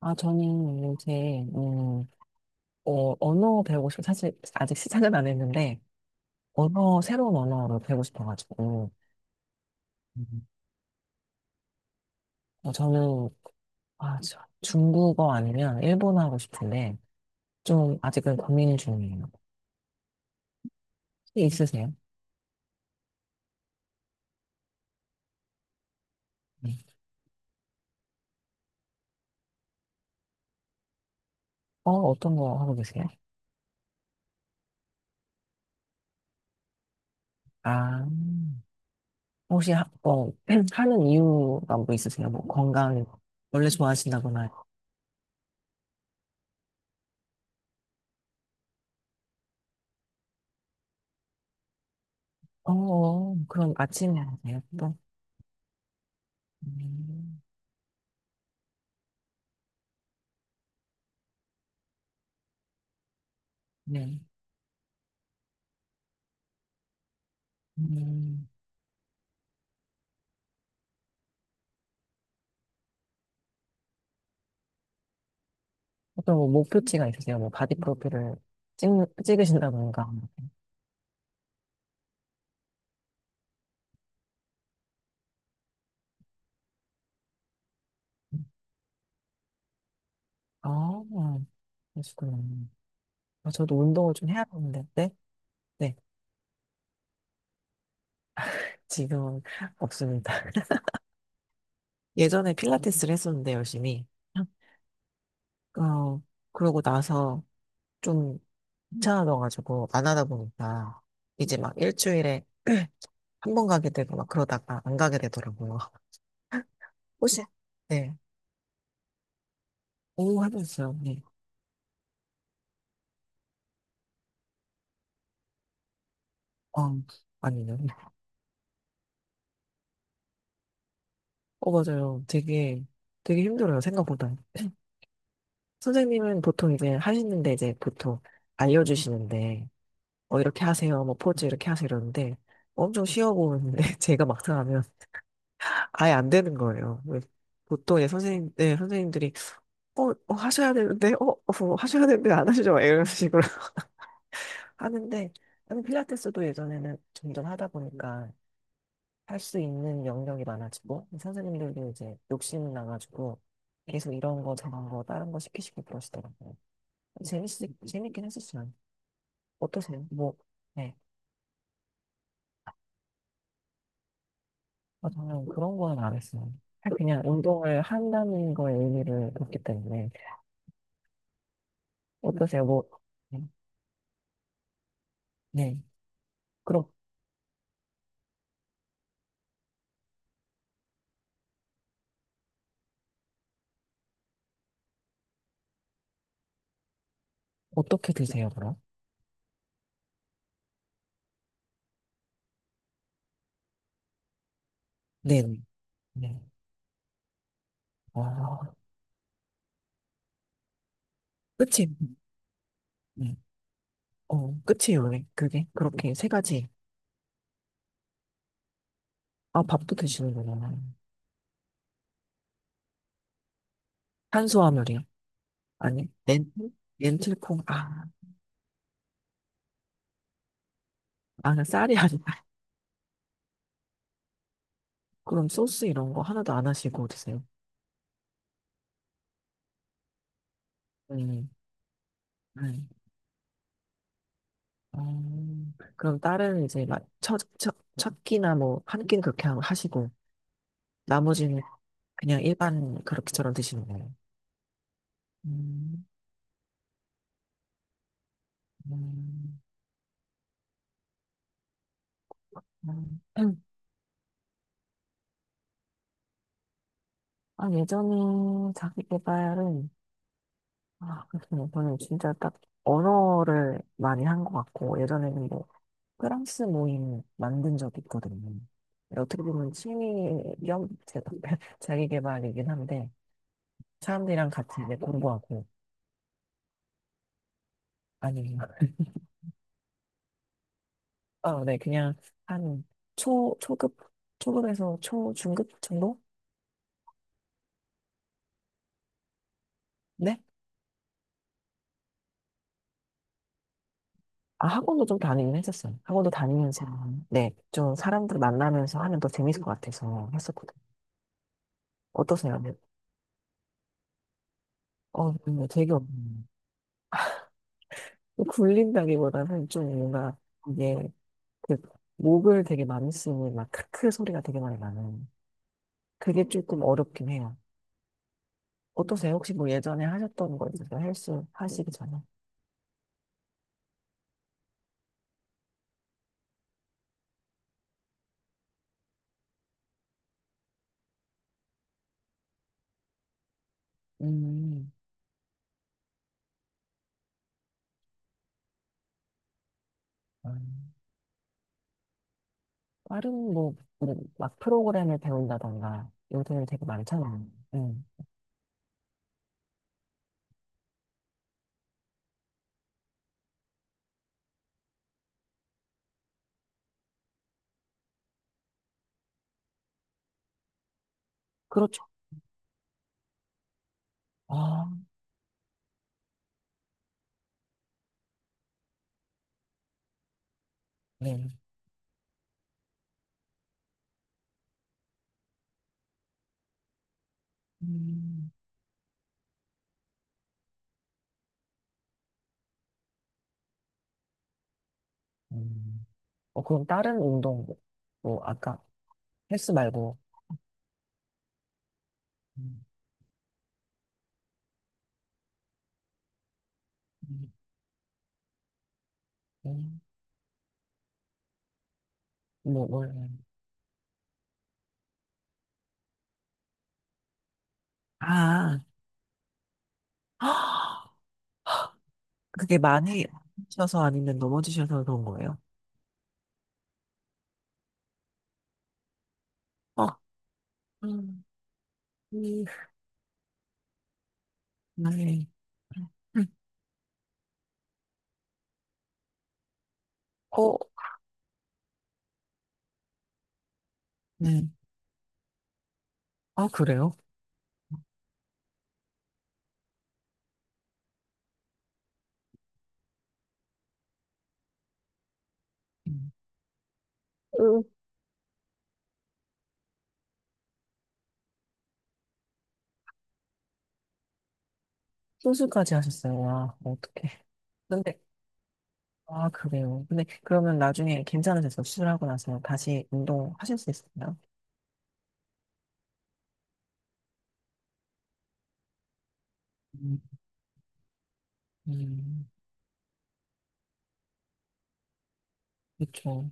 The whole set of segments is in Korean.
아, 저는 언어 배우고 싶어. 사실 아직 시작은 안 했는데, 새로운 언어를 배우고 싶어가지고, 음, 어, 저는, 중국어 아니면 일본어 하고 싶은데, 좀 아직은 고민 중이에요. 혹시 있으세요? 네. 어, 어떤 거 하고 계세요? 아, 혹시, 하, 어, 하는 이유가 뭐 있으세요? 뭐 건강, 원래 좋아하신다거나. 어, 그럼 아침에 하세요? 또? 음, 네. 음. 어떤 뭐 목표치가 있으세요? 뭐 바디 프로필을 찍, 찍으신다던가. 아, 그러시구나. 아, 저도 운동을 좀 해야 하는데, 네? 네, 지금은 없습니다. 예전에 필라테스를 했었는데, 열심히. 어, 그러고 나서 좀 귀찮아져가지고 안 하다 보니까, 이제 막 일주일에 한 번 가게 되고 막 그러다가 안 가게 되더라고요. 혹시, 네. 오, 해보셨어요? 네. 어, 아니요. 어, 맞아요. 되게, 되게 힘들어요. 생각보다. 선생님은 보통 이제 하시는데 이제 보통 알려주시는데 어 이렇게 하세요 뭐 포즈 이렇게 하세요 이러는데 엄청 쉬워 보이는데 제가 막상 하면 아예 안 되는 거예요. 왜 보통 이제 선생님 네 선생님들이 하셔야 되는데 하셔야 되는데 안 하시죠 막 이런 식으로 하는데 나는 필라테스도 예전에는 점점 하다 보니까 할 수 있는 영역이 많아지고 선생님들도 이제 욕심 나가지고 계속 이런 거 저런 거 다른 거 시키시고 그러시더라고요. 재밌 재밌긴 했었어요. 어떠세요? 뭐, 네. 아, 저는 그런 거는 안 했어요. 그냥 운동을 한다는 거에 의미를 뒀기 때문에. 어떠세요? 뭐, 네. 네. 그럼 어떻게 드세요, 그럼? 네. 네. 아, 끝이, 네. 어, 끝이에요, 왜? 그게? 그렇게 세 가지. 아, 밥도 드시는구나. 탄수화물이요? 아니, 렌틸? 렌틸콩? 아, 아, 쌀이 아니다. 그럼 소스 이런 거 하나도 안 하시고 드세요? 음, 음. 그럼 딸은 이제 막 첫 끼나 뭐 한 끼는 그렇게 하시고 나머지는 그냥 일반 그렇게처럼 드시는 거예요. 음, 음, 음. 아, 예전에 자기 개발은 아, 그렇군요. 저는 진짜 딱 언어를 많이 한 것 같고 예전에는 뭐 프랑스 모임 만든 적 있거든요. 근데 어떻게 보면 취미 겸 자기 개발이긴 한데 사람들이랑 같이 이제 공부하고 아니 어, 네, 그냥 한 초급, 초급에서 중급 정도? 네? 아, 학원도 좀 다니긴 했었어요. 학원도 다니면서, 네, 좀 사람들 만나면서 하면 더 재밌을 것 같아서 했었거든요. 어떠세요? 네. 어, 네, 되게, 음, 굴린다기보다는 좀 뭔가, 이게, 그, 목을 되게 많이 쓰는, 막, 크크 소리가 되게 많이 나는. 그게 조금 어렵긴 해요. 어떠세요? 혹시 뭐 예전에 하셨던 거 있으세요? 헬스 하시기 전에? 음, 음. 다른 뭐, 그런 막 프로그램을 배운다던가, 요새는 되게 많잖아요. 음. 그렇죠. 아, 네. 음. 음. 어, 그럼 다른 운동, 뭐 아까 헬스 말고, 음, 음, 음. 뭐, 뭘, 아, 그게 많이 하셔서 아니면 넘어지셔서 그런 거예요? 어, 음, 음, 네. 음, 어, 네. 아, 그래요? 음. 음, 수술까지 하셨어요. 와, 어떡해. 근데, 아, 그래요. 근데 그러면 나중에 괜찮으셔서 수술하고 나서 다시 운동하실 수 있을까요? 음, 음, 그렇죠.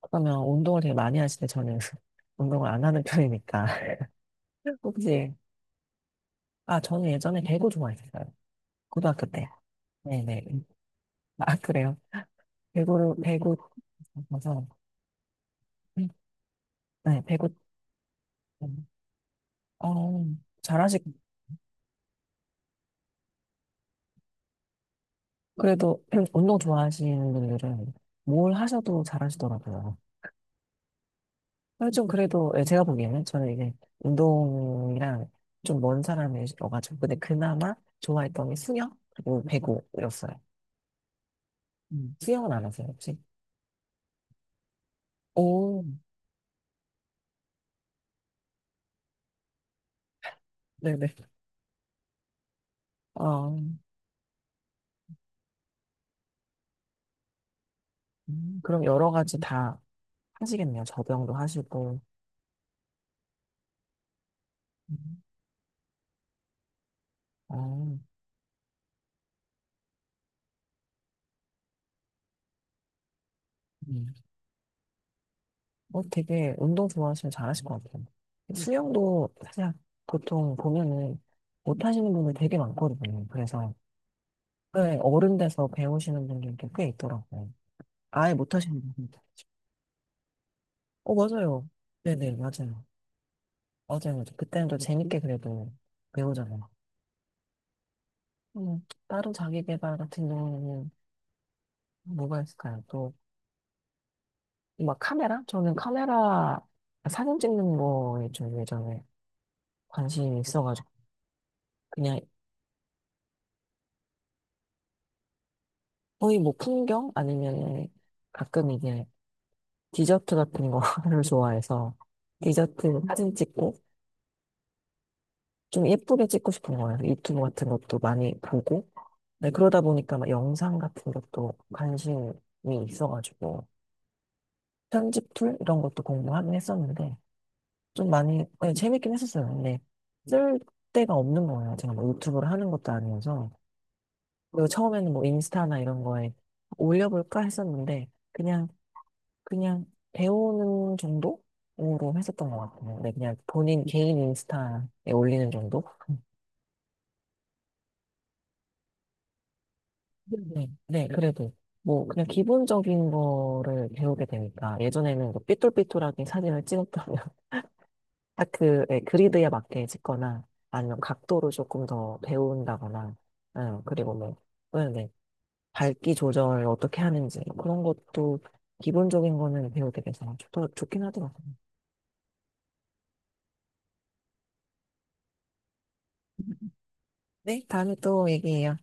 그러면 운동을 되게 많이 하시는데 저는 운동을 안 하는 편이니까. 혹시, 아, 저는 예전에 배구 좋아했어요. 고등학교 때. 네네. 아, 그래요? 배구를, 배구, 가서, 네, 배구, 어, 잘하시, 그래도 운동 좋아하시는 분들은 뭘 하셔도 잘하시더라고요. 아, 좀 그래도 예, 제가 보기에는 저는 이제 운동이랑 좀 먼 사람이어가지고 근데 그나마 좋아했던 게 수영 그리고 배구였어요. 수영은 안 하세요 혹시? 오, 네네. 아, 그럼 여러 가지 다 하시겠네요. 접영도 하시고. 음. 아, 음. 어, 되게 운동 좋아하시면 잘하실 것 같아요. 수영도 사실 보통 보면은 못 하시는 분들 되게 많거든요. 그래서 네, 어른 돼서 배우시는 분들도 꽤 있더라고요. 아예 못 하시는 분들. 어, 맞아요. 네네, 맞아요. 맞아요. 맞아요. 그때는 또 재밌게 그래도 배우잖아요. 따로 자기 개발 같은 경우는 뭐가 있을까요? 또, 막 카메라? 저는 카메라 사진 찍는 거에 좀 예전에 관심이 있어가지고, 그냥 거의 뭐 풍경? 아니면 가끔 이게 디저트 같은 거를 좋아해서 디저트 사진 찍고, 좀 예쁘게 찍고 싶은 거예요. 유튜브 같은 것도 많이 보고. 네, 그러다 보니까 막 영상 같은 것도 관심이 있어가지고, 편집 툴 이런 것도 공부하긴 했었는데, 좀 많이, 네, 재밌긴 했었어요. 근데 쓸 데가 없는 거예요. 제가 뭐 유튜브를 하는 것도 아니어서. 그리고 처음에는 뭐 인스타나 이런 거에 올려볼까 했었는데, 그냥 배우는 정도로 했었던 것 같아요. 네, 그냥 본인 개인 인스타에 올리는 정도? 네, 그래도 뭐 그냥 기본적인 거를 배우게 되니까 예전에는 뭐 삐뚤삐뚤하게 사진을 찍었다면 딱그 예, 그리드에 맞게 찍거나 아니면 각도를 조금 더 배운다거나 응, 그리고 뭐 네, 밝기 조절 어떻게 하는지 그런 것도 기본적인 거는 배우게 돼서 좋긴 하더라고요. 네, 다음에 또 얘기해요.